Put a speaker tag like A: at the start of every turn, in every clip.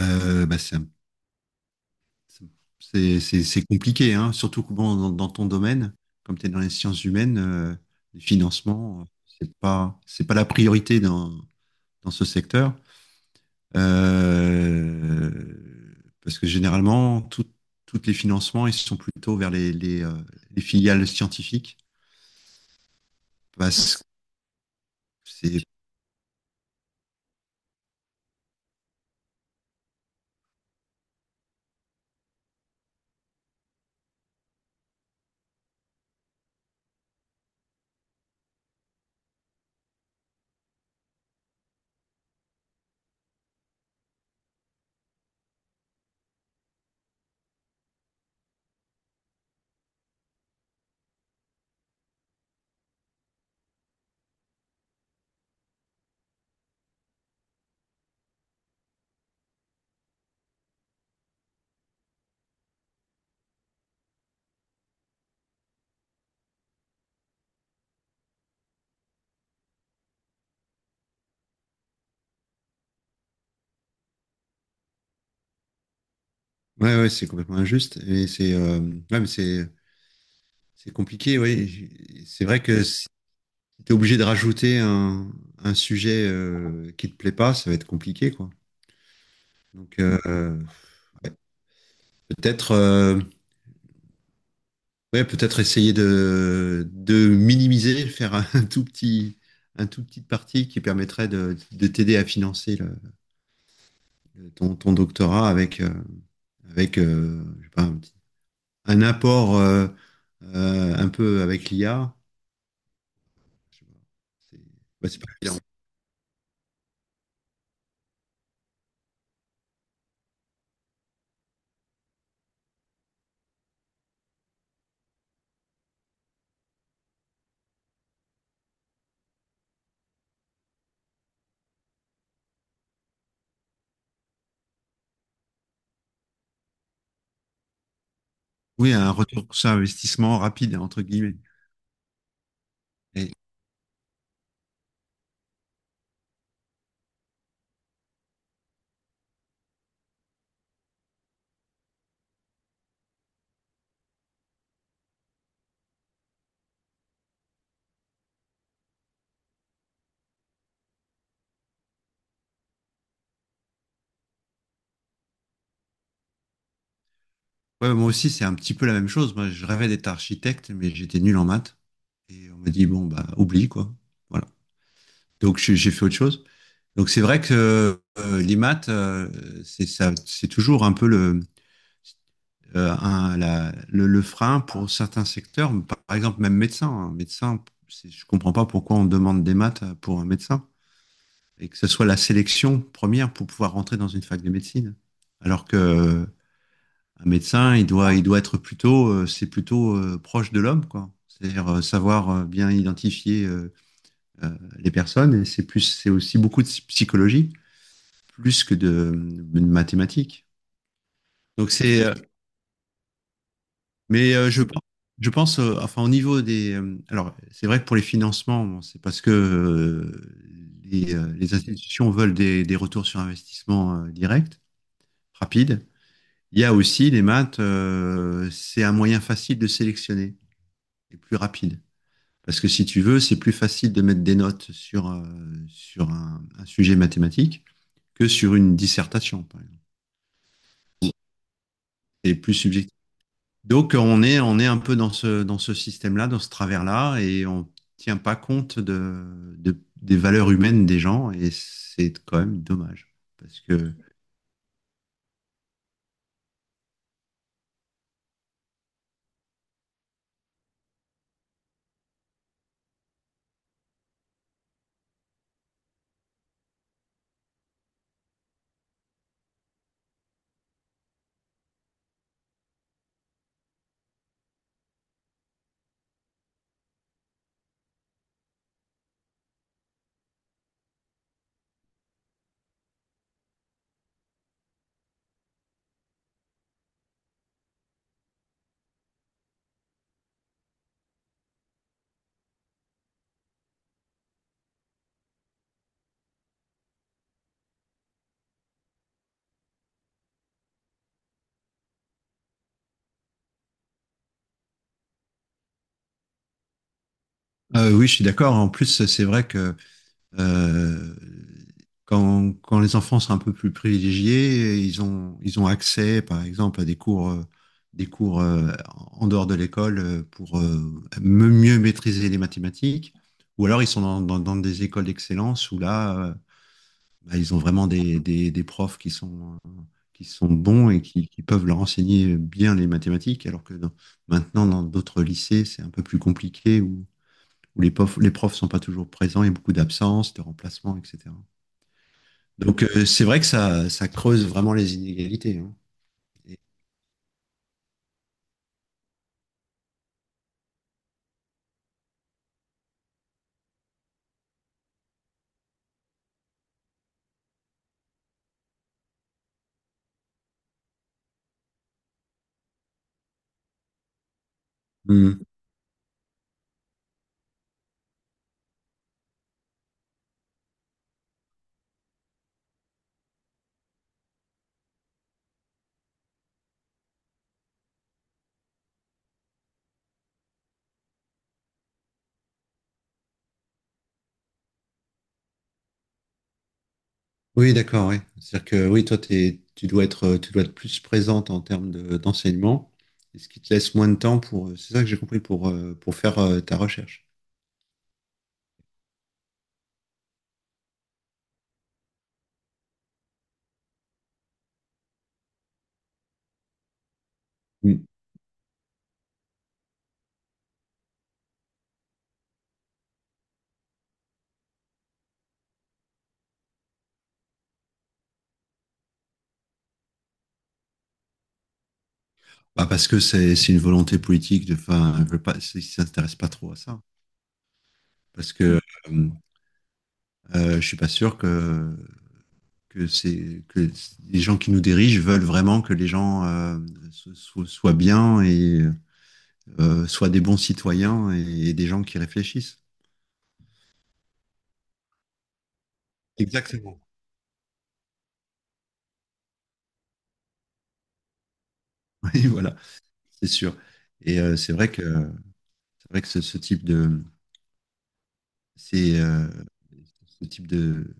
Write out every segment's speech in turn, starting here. A: Bah, c'est c'est compliqué, hein, surtout que, bon, dans ton domaine, comme tu es dans les sciences humaines, les financements, c'est pas la priorité dans ce secteur. Euh, parce que généralement, tous les financements, ils sont plutôt vers les filiales scientifiques. Parce que c'est Ouais, ouais, c'est complètement injuste. Et c'est Ouais, mais c'est compliqué, oui. C'est vrai que t'es obligé de rajouter un sujet, qui te plaît pas, ça va être compliqué, quoi. Donc, peut-être, ouais, peut-être essayer de minimiser, faire un tout petite partie qui permettrait de t'aider à financer ton doctorat avec je sais pas, un apport, un peu avec l'IA. Ouais, c'est pas évident. Oui, un retour sur investissement rapide, entre guillemets. Et, Ouais, moi aussi, c'est un petit peu la même chose. Moi, je rêvais d'être architecte, mais j'étais nul en maths. Et on m'a dit, bon, bah, oublie, quoi. Voilà. Donc, j'ai fait autre chose. Donc, c'est vrai que les maths, c'est ça, c'est toujours un peu le, un- la- le frein pour certains secteurs. Par exemple, même médecin. Un médecin, je comprends pas pourquoi on demande des maths pour un médecin. Et que ce soit la sélection première pour pouvoir rentrer dans une fac de médecine. Alors que Un médecin, il doit être plutôt, c'est plutôt, proche de l'homme, quoi. C'est-à-dire, savoir, bien identifier, euh, les personnes. C'est aussi beaucoup de psychologie, plus que de mathématiques. Donc, mais je pense, enfin au niveau des, alors c'est vrai que pour les financements, bon, c'est parce que les institutions veulent des retours sur investissement, direct, rapide. Il y a aussi les maths, c'est un moyen facile de sélectionner et plus rapide. Parce que si tu veux, c'est plus facile de mettre des notes sur un sujet mathématique que sur une dissertation, par exemple. C'est plus subjectif. Donc on est un peu dans ce système-là, dans ce travers-là, et on ne tient pas compte des valeurs humaines des gens, et c'est quand même dommage. Parce que, oui, je suis d'accord. En plus, c'est vrai que Euh, quand les enfants sont un peu plus privilégiés, ils ont accès, par exemple, à des cours en dehors de l'école, pour, mieux maîtriser les mathématiques. Ou alors ils sont dans des écoles d'excellence où là, bah, ils ont vraiment des profs qui sont bons et qui peuvent leur enseigner bien les mathématiques, maintenant, dans d'autres lycées, c'est un peu plus compliqué. Où les profs sont pas toujours présents, il y a beaucoup d'absences, de remplacements, etc. Donc, c'est vrai que ça creuse vraiment les inégalités, hein. Et- Hmm. Oui, d'accord, oui. C'est-à-dire que oui, toi, tu dois être, tu dois être plus présente en termes d'enseignement, et ce qui te laisse moins de temps pour, c'est ça que j'ai compris, pour faire, ta recherche. Hmm. Bah, parce que c'est une volonté politique de, enfin, ils veulent pas, ils s'intéressent pas trop à ça. Parce que euh, je suis pas sûr que les gens qui nous dirigent veulent vraiment que les gens, soient bien et, soient des bons citoyens et des gens qui réfléchissent. Exactement. Oui, voilà, c'est sûr. Et c'est vrai que ce c'est euh, type de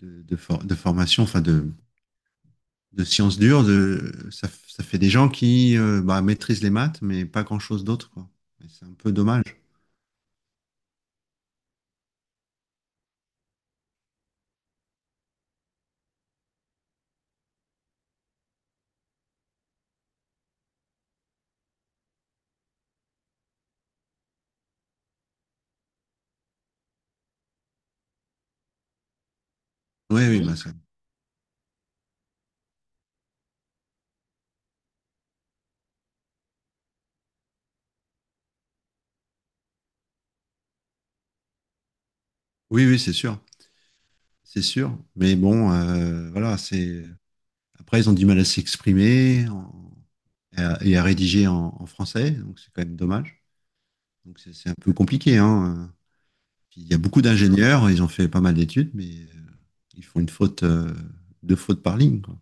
A: de formation, enfin de sciences dures, ça fait des gens qui, bah, maîtrisent les maths, mais pas grand-chose d'autre, quoi. Et c'est un peu dommage. Oui, oui, bah, oui, oui, c'est sûr. C'est sûr. Mais bon, voilà, c'est. Après, ils ont du mal à s'exprimer et à rédiger en français, donc c'est quand même dommage. Donc c'est un peu compliqué, hein. Puis, il y a beaucoup d'ingénieurs, ils ont fait pas mal d'études, mais ils font une faute, deux fautes par ligne, quoi.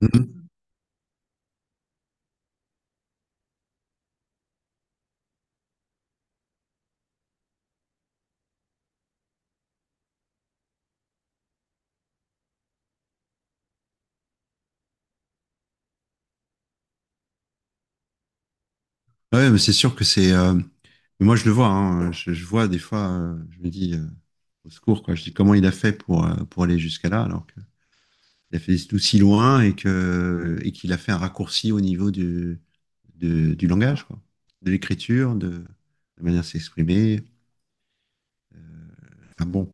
A: Mhm. Ouais, mais c'est sûr que c'est. Moi, je le vois, hein. Je vois des fois, je me dis, au secours, quoi. Je dis comment il a fait pour aller jusqu'à là, alors que. Il a fait des études aussi loin et qu'il a fait un raccourci au niveau du langage, quoi. De l'écriture, de la manière de s'exprimer. Euh, enfin bon,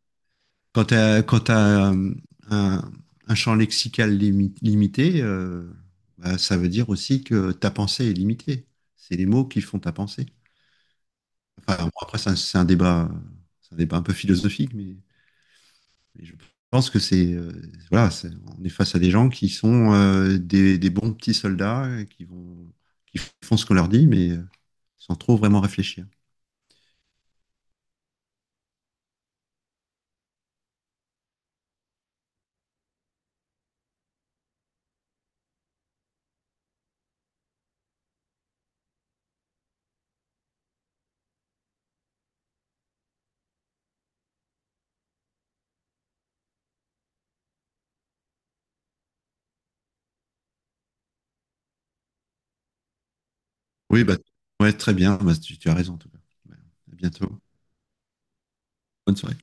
A: quand t'as, un, un champ lexical limité, bah, ça veut dire aussi que ta pensée est limitée. C'est les mots qui font ta pensée. Enfin, bon, après, c'est un débat un peu philosophique, mais. Et je pense que voilà, c'est- on est face à des gens qui sont, des bons petits soldats, qui font ce qu'on leur dit, mais sans trop vraiment réfléchir. Oui, bah ouais, très bien. Bah, tu as raison en tout cas. Ouais. À bientôt. Bonne soirée.